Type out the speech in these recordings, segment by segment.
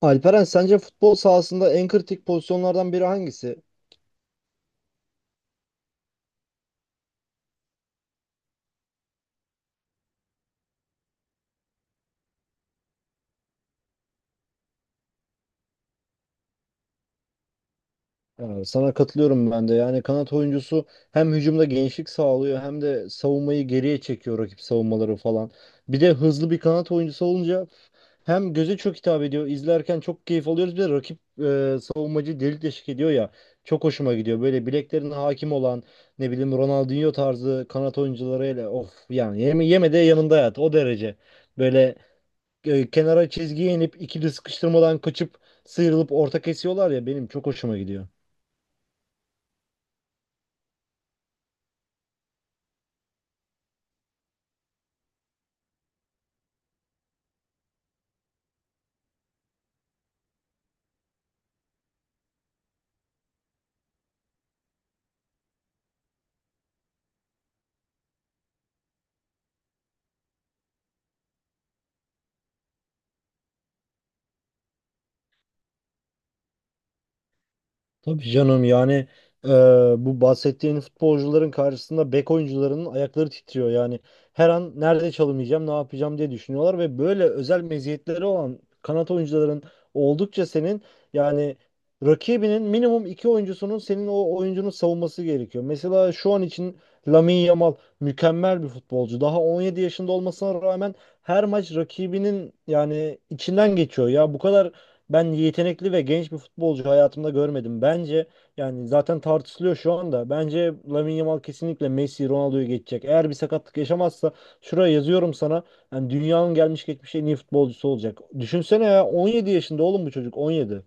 Alperen sence futbol sahasında en kritik pozisyonlardan biri hangisi? Sana katılıyorum ben de. Yani kanat oyuncusu hem hücumda genişlik sağlıyor hem de savunmayı geriye çekiyor rakip savunmaları falan. Bir de hızlı bir kanat oyuncusu olunca hem göze çok hitap ediyor. İzlerken çok keyif alıyoruz. Bir de rakip savunmacı delik deşik ediyor ya. Çok hoşuma gidiyor. Böyle bileklerine hakim olan ne bileyim Ronaldinho tarzı kanat oyuncularıyla of yani yeme, yeme de yanında yat o derece. Böyle kenara çizgiye inip ikili sıkıştırmadan kaçıp sıyrılıp orta kesiyorlar ya benim çok hoşuma gidiyor. Tabii canım yani e, bu bahsettiğin futbolcuların karşısında bek oyuncularının ayakları titriyor. Yani her an nerede çalımayacağım, ne yapacağım diye düşünüyorlar ve böyle özel meziyetleri olan kanat oyuncuların oldukça senin yani rakibinin minimum iki oyuncusunun senin o oyuncunun savunması gerekiyor. Mesela şu an için Lamine Yamal mükemmel bir futbolcu. Daha 17 yaşında olmasına rağmen her maç rakibinin yani içinden geçiyor. Ya bu kadar ben yetenekli ve genç bir futbolcu hayatımda görmedim. Bence yani zaten tartışılıyor şu anda. Bence Lamine Yamal kesinlikle Messi, Ronaldo'yu geçecek. Eğer bir sakatlık yaşamazsa şuraya yazıyorum sana. Yani dünyanın gelmiş geçmiş en iyi futbolcusu olacak. Düşünsene ya 17 yaşında oğlum, bu çocuk 17.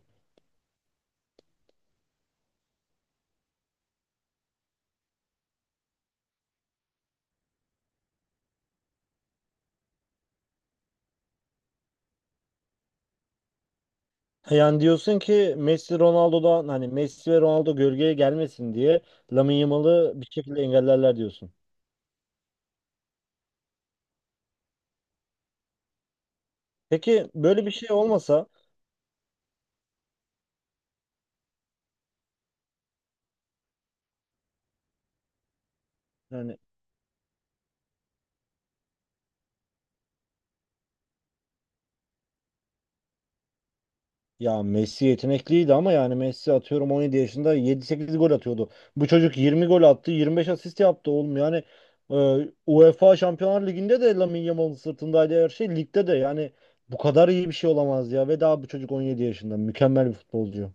Yani diyorsun ki Messi Ronaldo'dan hani Messi ve Ronaldo gölgeye gelmesin diye Lamine Yamal'ı bir şekilde engellerler diyorsun. Peki böyle bir şey olmasa yani. Ya Messi yetenekliydi ama yani Messi atıyorum 17 yaşında yedi sekiz gol atıyordu. Bu çocuk 20 gol attı, 25 asist yaptı oğlum. Yani e, UEFA Şampiyonlar Ligi'nde de Lamine Yamal'ın sırtındaydı her şey. Ligde de yani bu kadar iyi bir şey olamaz ya. Ve daha bu çocuk 17 yaşında. Mükemmel bir futbolcu.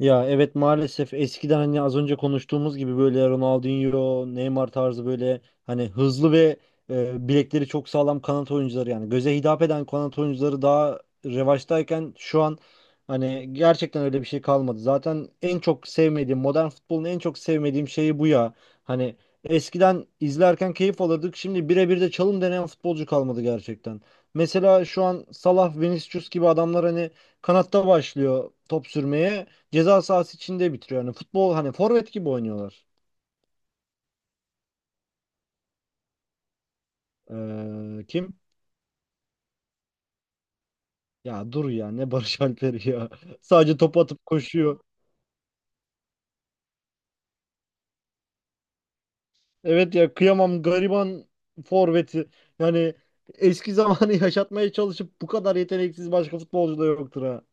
Ya evet, maalesef eskiden hani az önce konuştuğumuz gibi böyle Ronaldinho, Neymar tarzı böyle hani hızlı ve bilekleri çok sağlam kanat oyuncuları yani göze hitap eden kanat oyuncuları daha revaçtayken şu an hani gerçekten öyle bir şey kalmadı. Zaten en çok sevmediğim modern futbolun en çok sevmediğim şeyi bu ya. Hani eskiden izlerken keyif alırdık. Şimdi birebir de çalım deneyen futbolcu kalmadı gerçekten. Mesela şu an Salah, Vinicius gibi adamlar hani kanatta başlıyor top sürmeye, ceza sahası içinde bitiriyor. Yani futbol hani forvet gibi oynuyorlar. Kim? Ya dur ya, ne Barış Alper'i ya. Sadece top atıp koşuyor. Evet ya, kıyamam gariban forveti. Yani eski zamanı yaşatmaya çalışıp bu kadar yeteneksiz başka futbolcu da yoktur ha.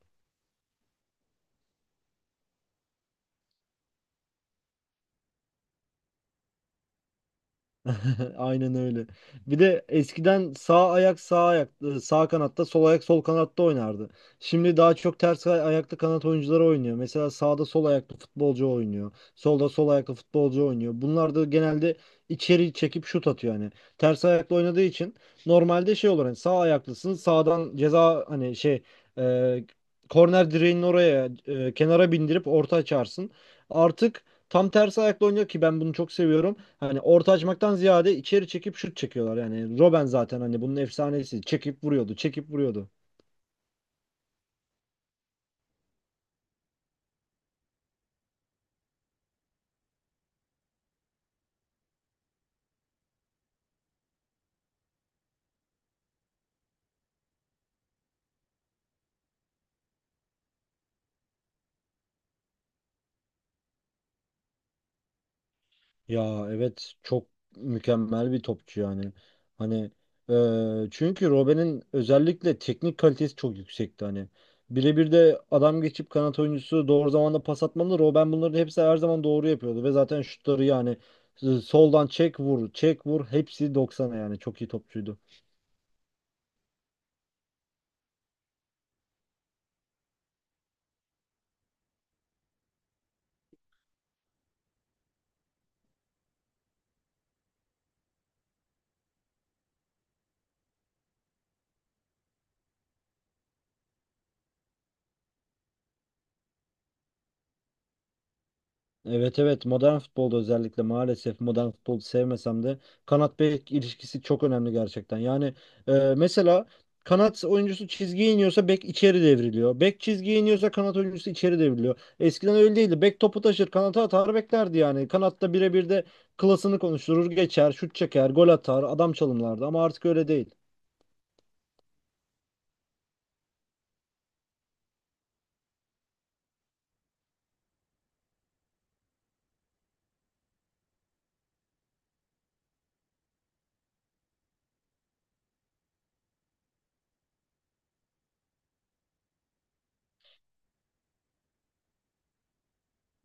Aynen öyle. Bir de eskiden sağ ayak sağ kanatta, sol ayak sol kanatta oynardı. Şimdi daha çok ters ayaklı kanat oyuncuları oynuyor. Mesela sağda sol ayaklı futbolcu oynuyor. Solda sol ayaklı futbolcu oynuyor. Bunlar da genelde içeri çekip şut atıyor hani. Ters ayaklı oynadığı için normalde şey olur hani sağ ayaklısın sağdan ceza hani şey e, korner direğinin oraya kenara bindirip orta açarsın. Artık tam tersi ayakla oynuyor ki ben bunu çok seviyorum, hani orta açmaktan ziyade içeri çekip şut çekiyorlar. Yani Robben zaten hani bunun efsanesi. Çekip vuruyordu, çekip vuruyordu. Ya evet, çok mükemmel bir topçu yani. Hani çünkü Robben'in özellikle teknik kalitesi çok yüksekti hani. Birebir de adam geçip kanat oyuncusu doğru zamanda pas atmalı. Robben bunların hepsi her zaman doğru yapıyordu ve zaten şutları yani soldan çek vur, çek vur, hepsi 90'a, yani çok iyi topçuydu. Evet evet, modern futbolda özellikle maalesef modern futbolu sevmesem de kanat bek ilişkisi çok önemli gerçekten. Yani mesela kanat oyuncusu çizgiye iniyorsa bek içeri devriliyor. Bek çizgiye iniyorsa kanat oyuncusu içeri devriliyor. Eskiden öyle değildi. Bek topu taşır, kanata atar beklerdi yani. Kanatta birebir de klasını konuşturur, geçer, şut çeker, gol atar, adam çalımlardı ama artık öyle değil.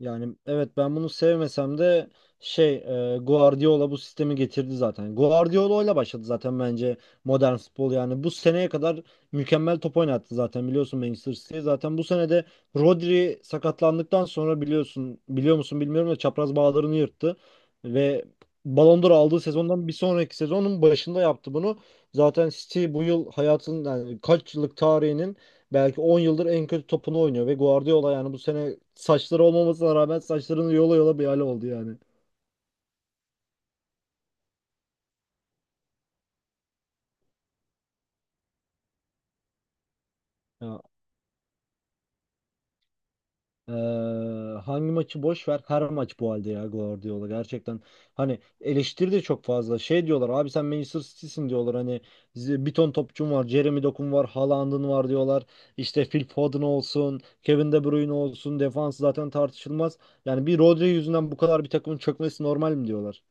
Yani evet, ben bunu sevmesem de şey Guardiola bu sistemi getirdi zaten. Guardiola ile başladı zaten bence modern futbol yani. Bu seneye kadar mükemmel top oynattı zaten, biliyorsun Manchester City. Zaten bu sene de Rodri sakatlandıktan sonra biliyorsun, biliyor musun bilmiyorum da, çapraz bağlarını yırttı ve Ballon d'Or aldığı sezondan bir sonraki sezonun başında yaptı bunu. Zaten City bu yıl hayatın yani kaç yıllık tarihinin, belki 10 yıldır en kötü topunu oynuyor ve Guardiola yani bu sene saçları olmamasına rağmen saçlarını yola yola bir hale oldu yani. Ya, hangi maçı boş ver, her maç bu halde ya Guardiola gerçekten. Hani eleştiri de çok fazla. Şey diyorlar, abi sen Manchester City'sin diyorlar hani, bir ton topçun var. Jeremy Dokun var, Haaland'ın var diyorlar. İşte Phil Foden olsun, Kevin De Bruyne olsun, defans zaten tartışılmaz. Yani bir Rodri yüzünden bu kadar bir takımın çökmesi normal mi diyorlar?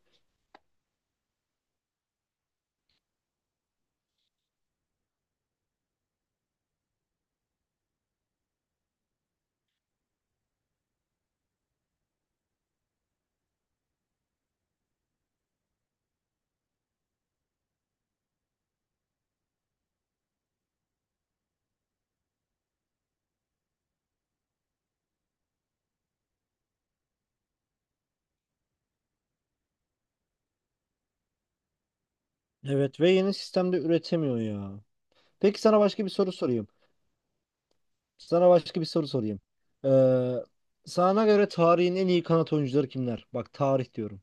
Evet ve yeni sistemde üretemiyor ya. Peki sana başka bir soru sorayım. Sana başka bir soru sorayım. Ee, Sana göre tarihin en iyi kanat oyuncuları kimler? Bak, tarih diyorum.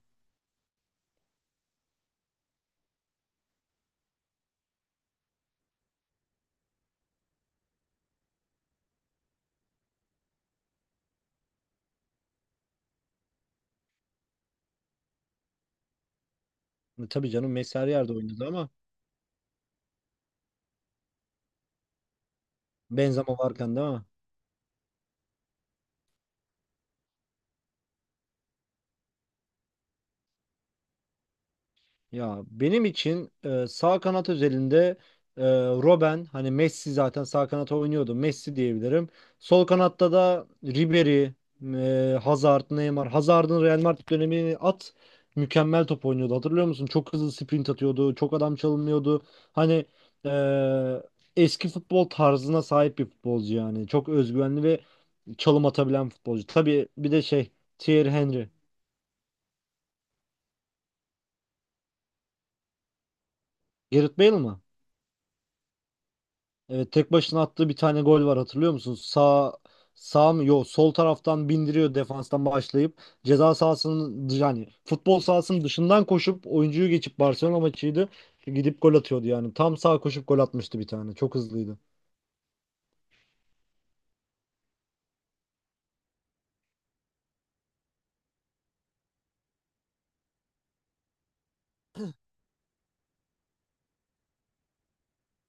Tabii canım, Messi her yerde oynadı ama Benzema varken değil mi? Ya benim için sağ kanat özelinde Robben, hani Messi zaten sağ kanata oynuyordu. Messi diyebilirim. Sol kanatta da Ribery, Hazard, Neymar. Hazard'ın Real Madrid dönemini at. Mükemmel top oynuyordu. Hatırlıyor musun? Çok hızlı sprint atıyordu. Çok adam çalınmıyordu. Hani e, eski futbol tarzına sahip bir futbolcu yani. Çok özgüvenli ve çalım atabilen futbolcu. Tabii bir de şey, Thierry Henry. Gareth Bale mi? Evet, tek başına attığı bir tane gol var, hatırlıyor musun? Sağ mı? Yok, sol taraftan bindiriyor defanstan başlayıp ceza sahasının yani futbol sahasının dışından koşup oyuncuyu geçip. Barcelona maçıydı. Gidip gol atıyordu yani. Tam sağ koşup gol atmıştı bir tane. Çok hızlıydı.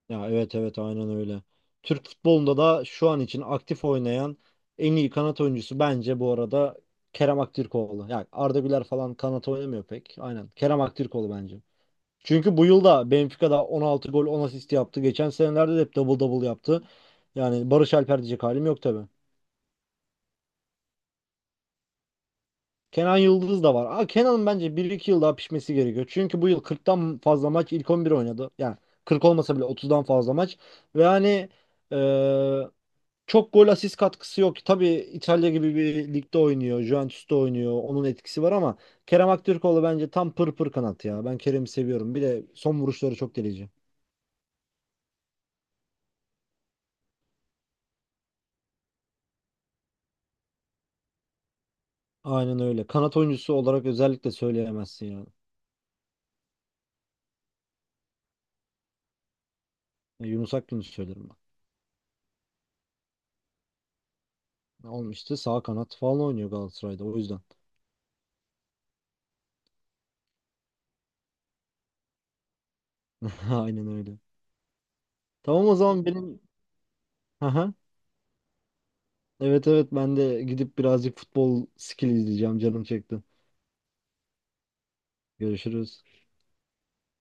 Ya evet evet, aynen öyle. Türk futbolunda da şu an için aktif oynayan en iyi kanat oyuncusu bence bu arada Kerem Aktürkoğlu. Yani Arda Güler falan kanat oynamıyor pek. Aynen. Kerem Aktürkoğlu bence. Çünkü bu yıl da Benfica'da 16 gol 10 asist yaptı. Geçen senelerde de hep double double yaptı. Yani Barış Alper diyecek halim yok tabii. Kenan Yıldız da var. Aa, Kenan'ın bence bir iki yıl daha pişmesi gerekiyor. Çünkü bu yıl 40'tan fazla maç ilk 11 oynadı. Yani 40 olmasa bile 30'dan fazla maç. Ve hani eee, çok gol asist katkısı yok. Tabii İtalya gibi bir ligde oynuyor. Juventus'ta oynuyor. Onun etkisi var ama Kerem Aktürkoğlu bence tam pır pır kanat ya. Ben Kerem'i seviyorum. Bir de son vuruşları çok delici. Aynen öyle. Kanat oyuncusu olarak özellikle söyleyemezsin yani. Ya Yunus Akgün'ü söylerim ben. Olmuştu. Sağ kanat falan oynuyor Galatasaray'da o yüzden. Aynen öyle. Tamam, o zaman benim... Aha. Evet evet, ben de gidip birazcık futbol skill izleyeceğim. Canım çekti. Görüşürüz.